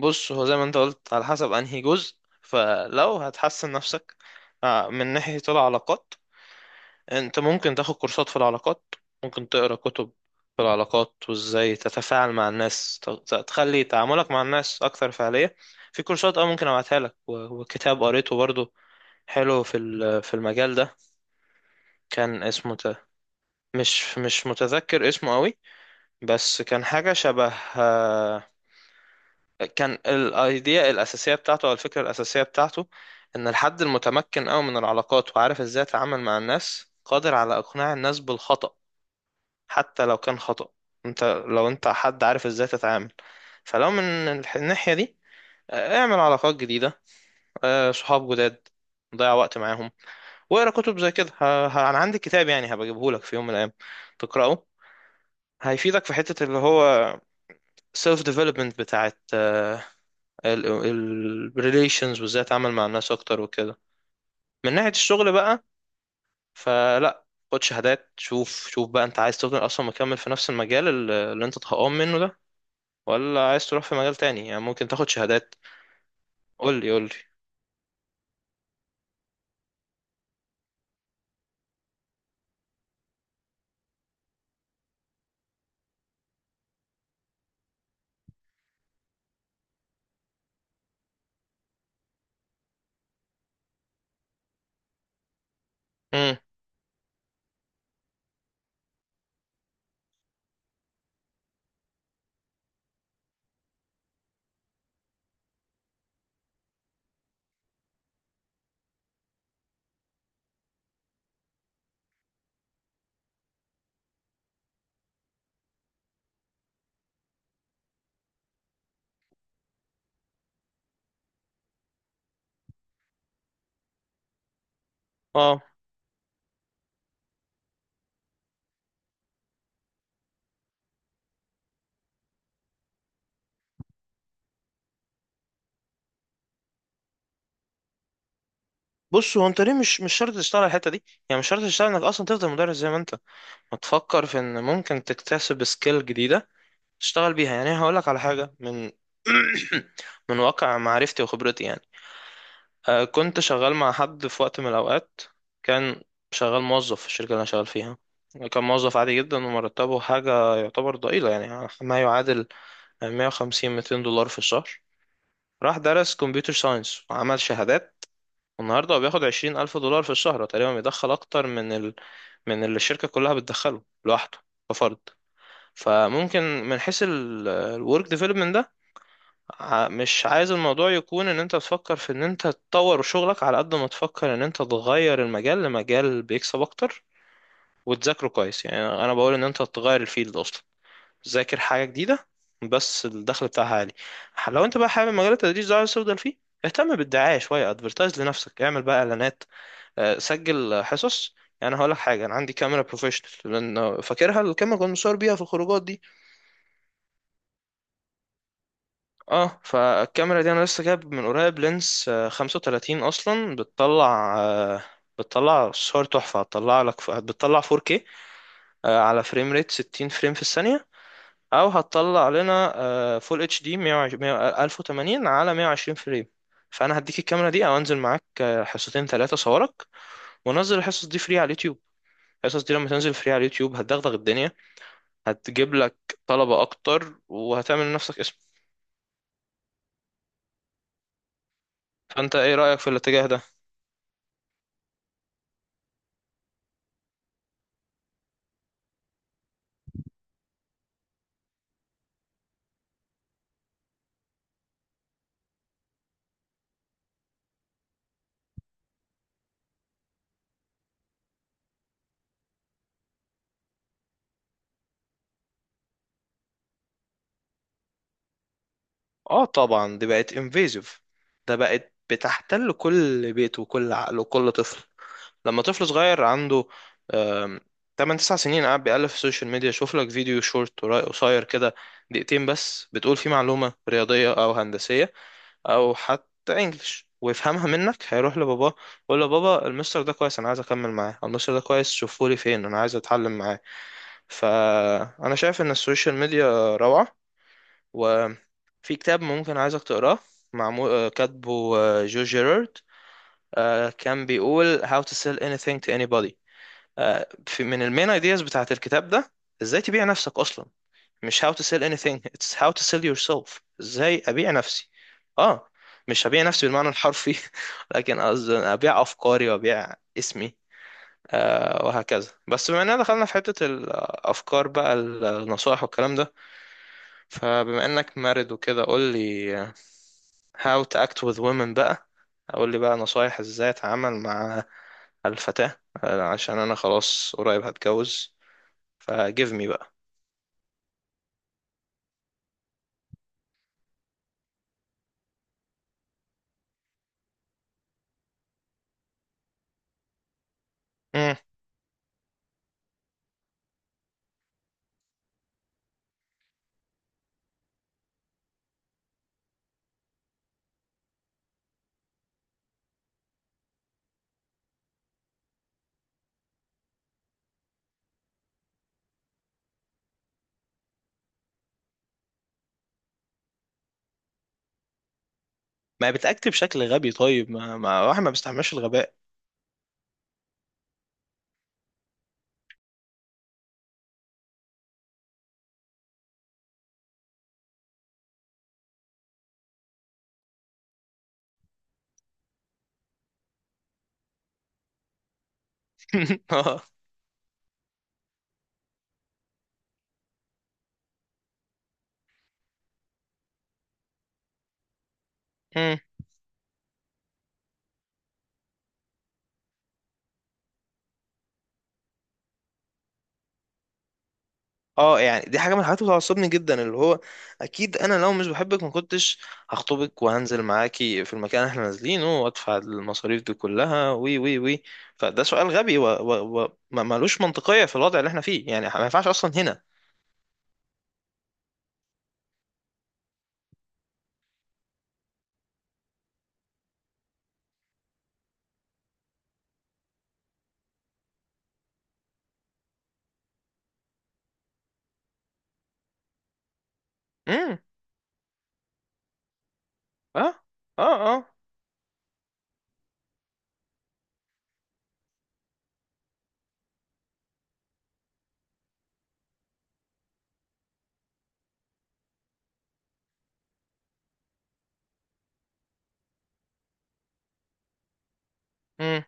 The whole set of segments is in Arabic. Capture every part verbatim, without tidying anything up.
بص، هو زي ما انت قلت على حسب انهي جزء. فلو هتحسن نفسك آه، من ناحية العلاقات، انت ممكن تاخد كورسات في العلاقات، ممكن تقرا كتب في العلاقات وازاي تتفاعل مع الناس، ت- ت- تخلي تعاملك مع الناس اكثر فعالية. في كورسات اه ممكن ابعتها لك، و- وكتاب قريته برضو حلو في ال- في المجال ده، كان اسمه ت- مش مش متذكر اسمه قوي، بس كان حاجة شبه آه، كان الايديا الاساسيه بتاعته او الفكره الاساسيه بتاعته ان الحد المتمكن قوي من العلاقات وعارف ازاي يتعامل مع الناس قادر على اقناع الناس بالخطأ حتى لو كان خطأ. انت لو انت حد عارف ازاي تتعامل، فلو من الح- الناحيه دي، آه، اعمل علاقات جديده، آه، صحاب جداد، ضيع وقت معاهم واقرا كتب زي كده. ه- ه- انا عندي كتاب يعني هبجيبه لك في يوم من الايام تقراه، هيفيدك في حته اللي هو سيلف ديفلوبمنت بتاعت آه، الريليشنز وازاي اتعامل مع الناس اكتر وكده. من ناحية الشغل بقى، فلا، خد شهادات، شوف شوف بقى انت عايز تفضل اصلا مكمل في نفس المجال ال- اللي انت اتهقان منه ده، ولا عايز تروح في مجال تاني؟ يعني ممكن تاخد شهادات. قول لي قول لي. امم اه بص، هو انت ليه؟ مش مش شرط تشتغل على الحتة دي، يعني مش شرط تشتغل انك اصلا تفضل مدرس زي ما انت. ما تفكر في ان ممكن تكتسب سكيل جديدة تشتغل بيها. يعني هقول لك على حاجة من من واقع معرفتي وخبرتي يعني. آه، كنت شغال مع حد في وقت من الأوقات، كان شغال موظف في الشركة اللي أنا شغال فيها، كان موظف عادي جدا ومرتبه حاجة يعتبر ضئيلة، يعني ما يعادل مية وخمسين مئتين دولار في الشهر. راح درس كمبيوتر ساينس وعمل شهادات، والنهاردة هو بياخد عشرين ألف دولار في الشهر. هو تقريبا بيدخل أكتر من ال... من اللي الشركة كلها بتدخله لوحده كفرد. فممكن من حيث الورك ديفلوبمنت، ع- مش عايز الموضوع يكون ان انت تفكر في ان انت تطور شغلك على قد ما تفكر ان انت تغير المجال لمجال بيكسب اكتر وتذاكره كويس. يعني انا بقول ان انت تغير الفيلد اصلا، ذاكر حاجة جديدة بس الدخل بتاعها عالي. لو انت بقى حابب مجال التدريس ده عايز تفضل فيه، اهتم بالدعاية شوية، ادفرتايز لنفسك، اعمل بقى اعلانات، آه، سجل حصص. يعني هقول لك حاجة، انا عندي كاميرا بروفيشنال، لان فاكرها الكاميرا كنت مصور بيها في الخروجات دي. اه فالكاميرا دي انا لسه جايب من قريب لينس آه، خمسة وثلاثين اصلا، بتطلع آه، بتطلع صور تحفة، هتطلع لك ف- بتطلع فور كيه آه، على فريم ريت ستين فريم في الثانية، او هتطلع لنا آه، فول اتش دي ألف وثمانين على مية وعشرين فريم. فانا هديك الكاميرا دي او انزل معاك آه، حصتين ثلاثة صورك، ونزل الحصص دي فري على اليوتيوب. الحصص دي لما تنزل فري على اليوتيوب هتدغدغ الدنيا، هتجيب لك طلبة اكتر وهتعمل لنفسك اسم. فانت ايه رأيك في الاتجاه ده؟ اه طبعا، دي بقت انفيزيف، ده بقت بتحتل كل بيت وكل عقل وكل طفل. لما طفل صغير عنده آم، تمنية تسعة سنين قاعد بيألف في السوشيال ميديا، شوف لك فيديو شورت ورا- قصير كده دقيقتين بس بتقول فيه معلومة رياضية او هندسية او حتى انجلش، ويفهمها منك، هيروح لباباه يقول له: بابا، المستر ده كويس انا عايز اكمل معاه، أو المستر ده كويس شوفهولي فين انا عايز اتعلم معاه. فانا شايف ان السوشيال ميديا روعة. وفي كتاب ممكن عايزك تقراه، معمول آه، كاتبه آه، جو جيرارد، آه، كان بيقول How to sell anything to anybody. آه، في- من المين ايدياز بتاعت الكتاب ده ازاي تبيع نفسك اصلا. مش how to sell anything، it's how to sell yourself، ازاي ابيع نفسي. اه، مش هبيع نفسي بالمعنى الحرفي، لكن قصدي ابيع افكاري وابيع اسمي آه، وهكذا. بس بما اننا دخلنا في حتة الافكار بقى النصائح والكلام ده، فبما انك مارد وكده، قول لي How to Act with Women بقى، اقول لي بقى نصايح ازاي اتعامل مع الفتاة، آه، عشان انا خلاص قريب هتجوز، فجيف مي بقى. مم. ما بتأكت بشكل غبي. طيب، ما, ما واحد ما بيستحملش الغباء. اه. مم. اه، يعني دي حاجة من الحاجات اللي بتعصبني جدا، اللي هو اكيد انا لو مش بحبك ما كنتش هخطبك وهنزل معاكي في المكان اللي احنا نازلينه وادفع المصاريف دي كلها وي وي وي. فده سؤال غبي و, و, و ما- ملوش منطقية في الوضع اللي احنا فيه، يعني ما ينفعش اصلا. هنا. اه. اه. اه. مم.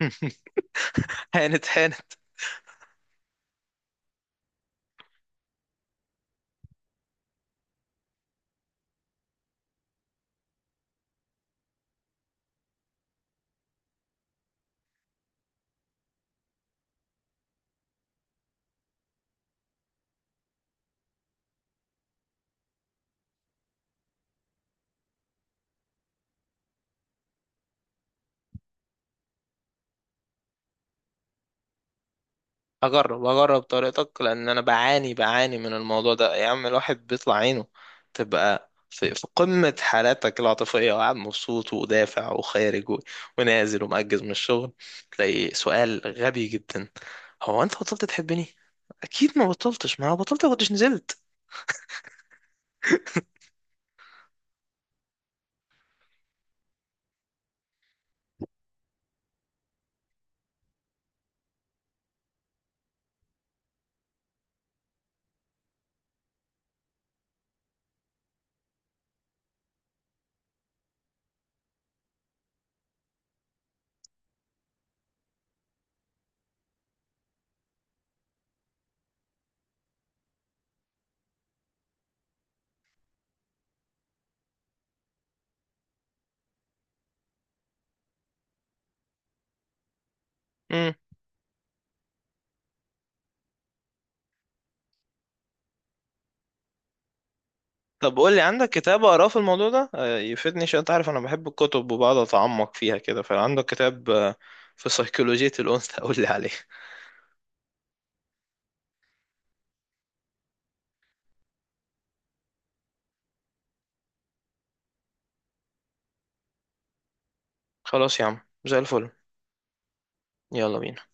هانت هانت. اجرب اجرب طريقتك، لان انا بعاني بعاني من الموضوع ده يا عم، الواحد بيطلع عينه. تبقى في, في قمة حالاتك العاطفية وقاعد مبسوط ودافع وخارج و- ونازل ومأجز من الشغل، تلاقي سؤال غبي جدا: هو انت بطلت تحبني؟ اكيد ما بطلتش، ما أنا بطلت ما كنتش نزلت. طب قول لي، عندك كتاب اقراه في الموضوع ده آه، يفيدني؟ عشان انت عارف انا بحب الكتب وبقعد اتعمق فيها كده. فعندك كتاب آه، في سيكولوجية الانثى؟ قول لي عليه. خلاص يا عم، زي الفل. يلا بينا.